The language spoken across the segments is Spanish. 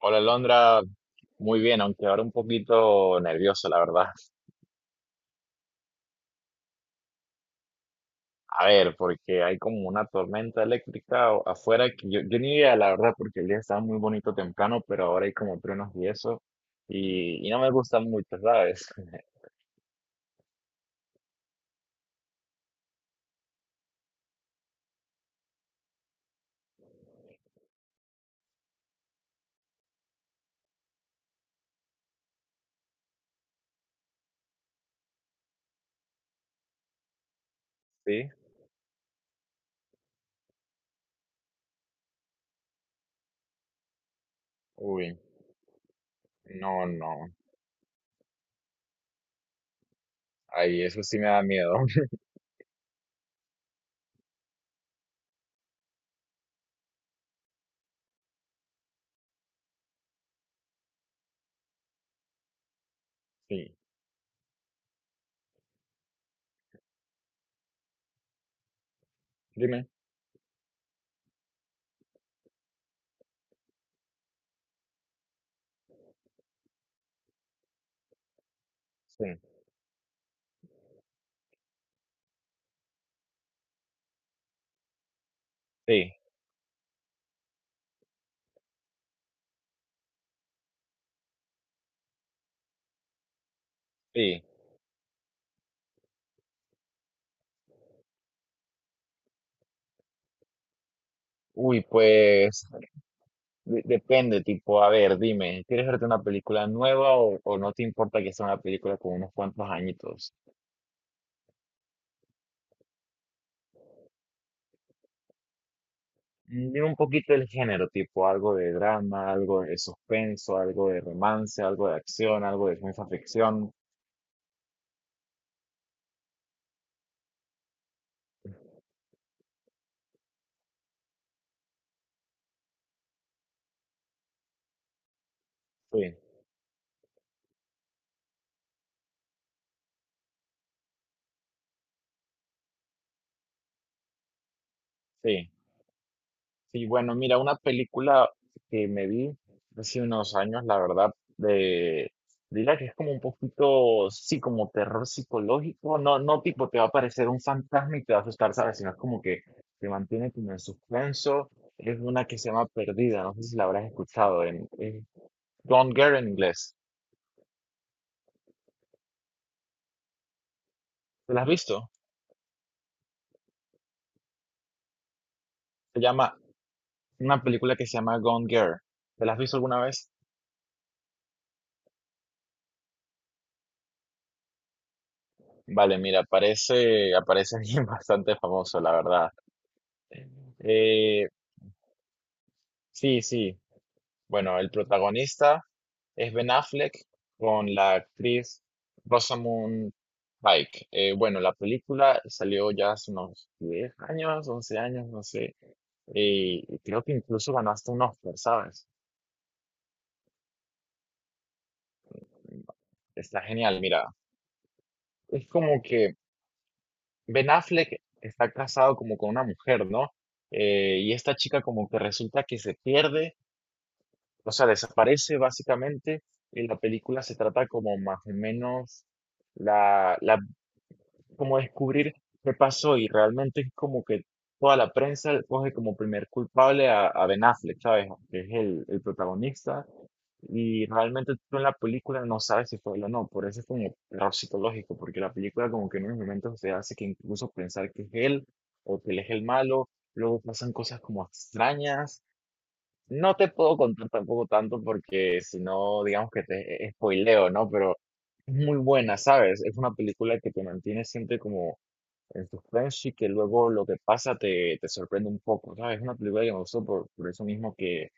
Hola, Alondra. Muy bien, aunque ahora un poquito nervioso, la verdad. A ver, porque hay como una tormenta eléctrica afuera que yo ni idea, la verdad, porque el día estaba muy bonito temprano, pero ahora hay como truenos y eso. Y no me gusta mucho, ¿sabes? Sí. Uy, no, no. Ay, eso sí me da miedo. Sí. Dime. Sí. Sí. Sí. Uy, pues depende, tipo, a ver, dime, ¿quieres verte una película nueva o no te importa que sea una película con unos cuantos añitos? Dime un poquito el género, tipo, algo de drama, algo de suspenso, algo de romance, algo de acción, algo de ciencia ficción. Sí, sí. Sí, bueno, mira, una película que me vi hace unos años, la verdad, de, diría que es como un poquito, sí, como terror psicológico, no, no tipo te va a aparecer un fantasma y te va a asustar, ¿sabes? Sino es como que te mantiene como en suspenso, es una que se llama Perdida, no sé si la habrás escuchado, en Gone Girl en inglés, ¿te la has visto? Se llama, una película que se llama Gone Girl, ¿te la has visto alguna vez? Vale, mira, aparece, aparece alguien bastante famoso, la verdad. Eh, Sí, sí. Bueno, el protagonista es Ben Affleck con la actriz Rosamund Pike. Bueno, la película salió ya hace unos 10 años, 11 años, no sé. Y creo que incluso ganó hasta un Oscar, ¿sabes? Está genial, mira. Es como que Ben Affleck está casado como con una mujer, ¿no? Y esta chica como que resulta que se pierde. O sea, desaparece básicamente y la película se trata como más o menos la, la, como descubrir qué pasó y realmente es como que toda la prensa coge como primer culpable a Ben Affleck, ¿sabes? Que es el protagonista y realmente tú en la película no sabes si fue él o no, por eso es como error psicológico, porque la película como que en unos momentos te hace que incluso pensar que es él o que él es el malo, luego pasan cosas como extrañas, no te puedo contar tampoco tanto porque si no, digamos que te spoileo, ¿no? Pero es muy buena, ¿sabes? Es una película que te mantiene siempre como en suspenso y que luego lo que pasa te, te sorprende un poco, ¿sabes? Es una película que me gustó por eso mismo que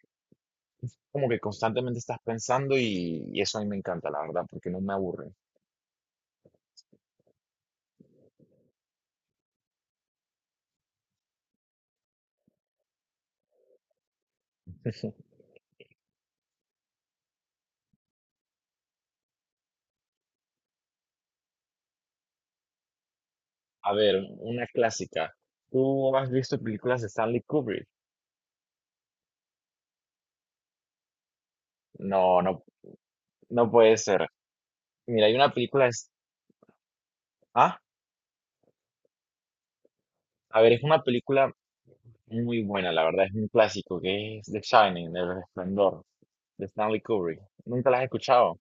como que constantemente estás pensando y eso a mí me encanta, la verdad, porque no me aburre. A ver, una clásica. ¿Tú has visto películas de Stanley Kubrick? No, no, no puede ser. Mira, hay una película... Ah, a ver, es una película muy buena, la verdad, es un clásico que es The Shining, El Resplandor, de Stanley Kubrick. ¿Nunca la has escuchado?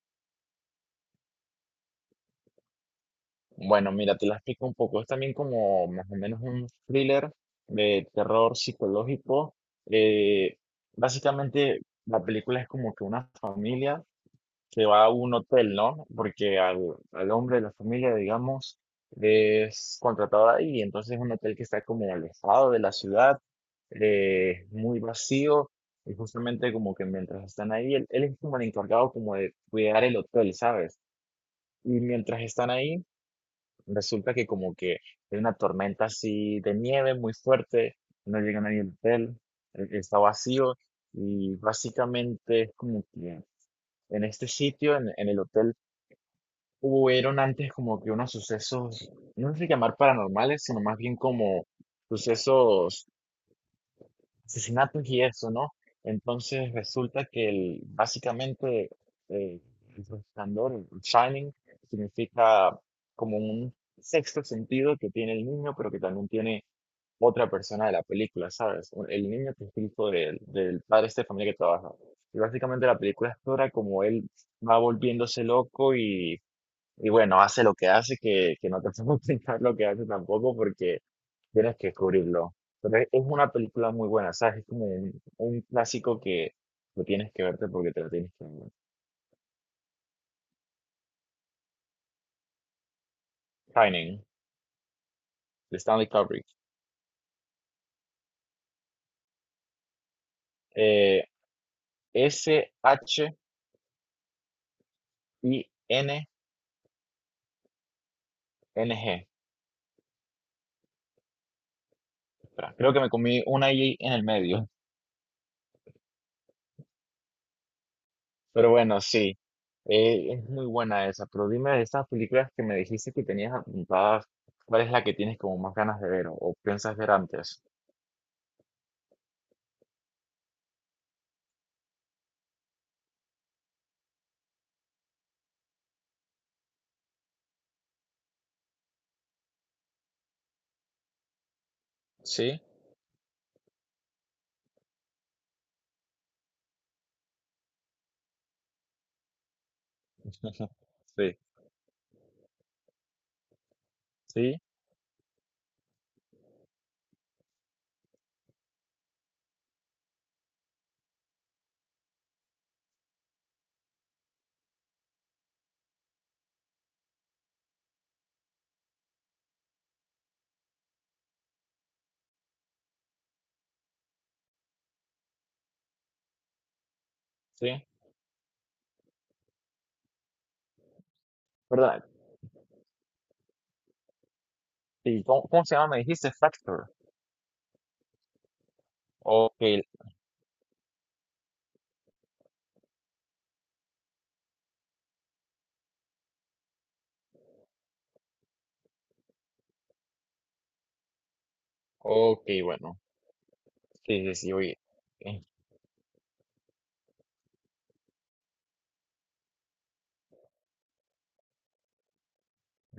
Bueno, mira, te la explico un poco. Es también como más o menos un thriller de terror psicológico. Eh, básicamente, la película es como que una familia se va a un hotel, ¿no? Porque al hombre de la familia, digamos, es contratado ahí, entonces es un hotel que está como alejado de la ciudad, muy vacío, y justamente como que mientras están ahí, él es como el encargado como de cuidar el hotel, ¿sabes? Y mientras están ahí, resulta que como que hay una tormenta así de nieve muy fuerte, no llega nadie al hotel, está vacío, y básicamente es como que en este sitio, en el hotel, hubieron antes como que unos sucesos, no sé si llamar paranormales, sino más bien como sucesos, asesinatos y eso, ¿no? Entonces resulta que el, básicamente eh, el resplandor, el shining, significa como un sexto sentido que tiene el niño, pero que también tiene otra persona de la película, ¿sabes? El niño que es hijo del, del padre de esta familia que trabaja. Y básicamente la película explora como él va volviéndose loco y bueno, hace lo que hace, que no te puedo explicar lo que hace tampoco porque tienes que descubrirlo. Pero es una película muy buena, ¿sabes? Es como un clásico que lo tienes que verte porque te lo tienes que ver. Shining, de Stanley Kubrick. Eh, SHINNG. Espera, creo que me comí una I en el medio. Pero bueno, sí, es muy buena esa. Pero dime de esas películas que me dijiste que tenías apuntadas, ¿cuál es la que tienes como más ganas de ver o piensas ver antes? Sí. Sí, sí, sí. ¿Verdad? ¿Y cómo, cómo se llama? Me dijiste Factor. Ok, ok, bueno. Sí, sí, sí, oye. eh,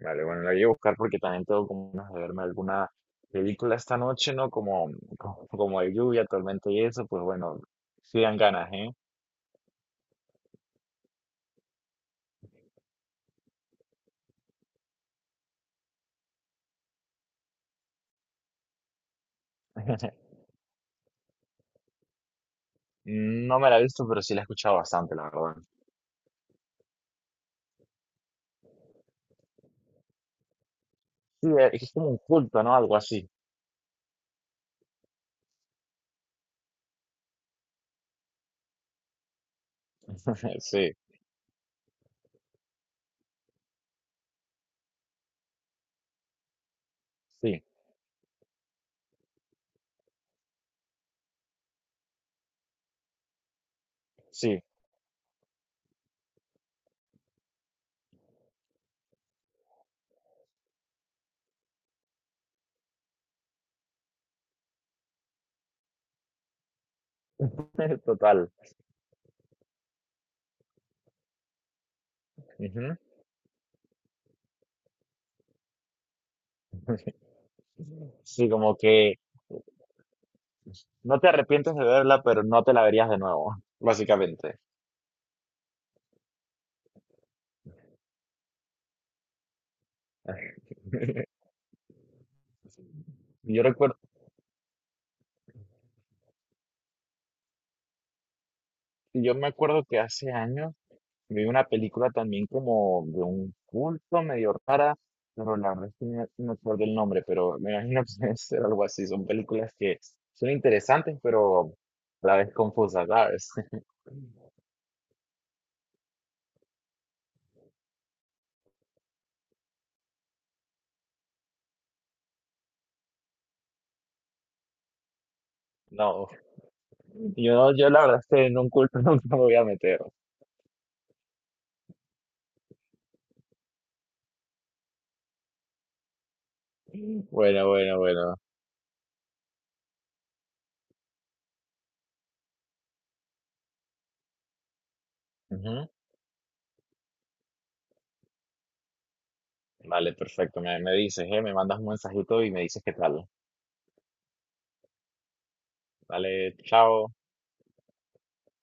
Vale, bueno, la voy a buscar porque también tengo como ganas de verme alguna película esta noche, ¿no? Como, como, como hay lluvia, tormento y eso, pues bueno, sí dan ganas, ¿eh? No me la he visto, pero sí la he escuchado bastante, la verdad. Sí, es como un culto, ¿no? Algo así. Sí, sí, sí, total. Ujú. Sí, como que no te arrepientes de verla, pero no te la verías de nuevo, básicamente. Yo recuerdo, yo me acuerdo que hace años vi una película también como de un culto medio rara, pero la verdad es que no, no recuerdo el nombre, pero me imagino que debe ser algo así. Son películas que son interesantes, pero a la vez confusas, ¿sabes? No, yo la verdad es que en un culto nunca me voy a meter. Bueno, bueno, bueno. Ujú. Vale, perfecto. Me dices, ¿eh? Me mandas un mensajito y me dices qué tal. Vale, chao.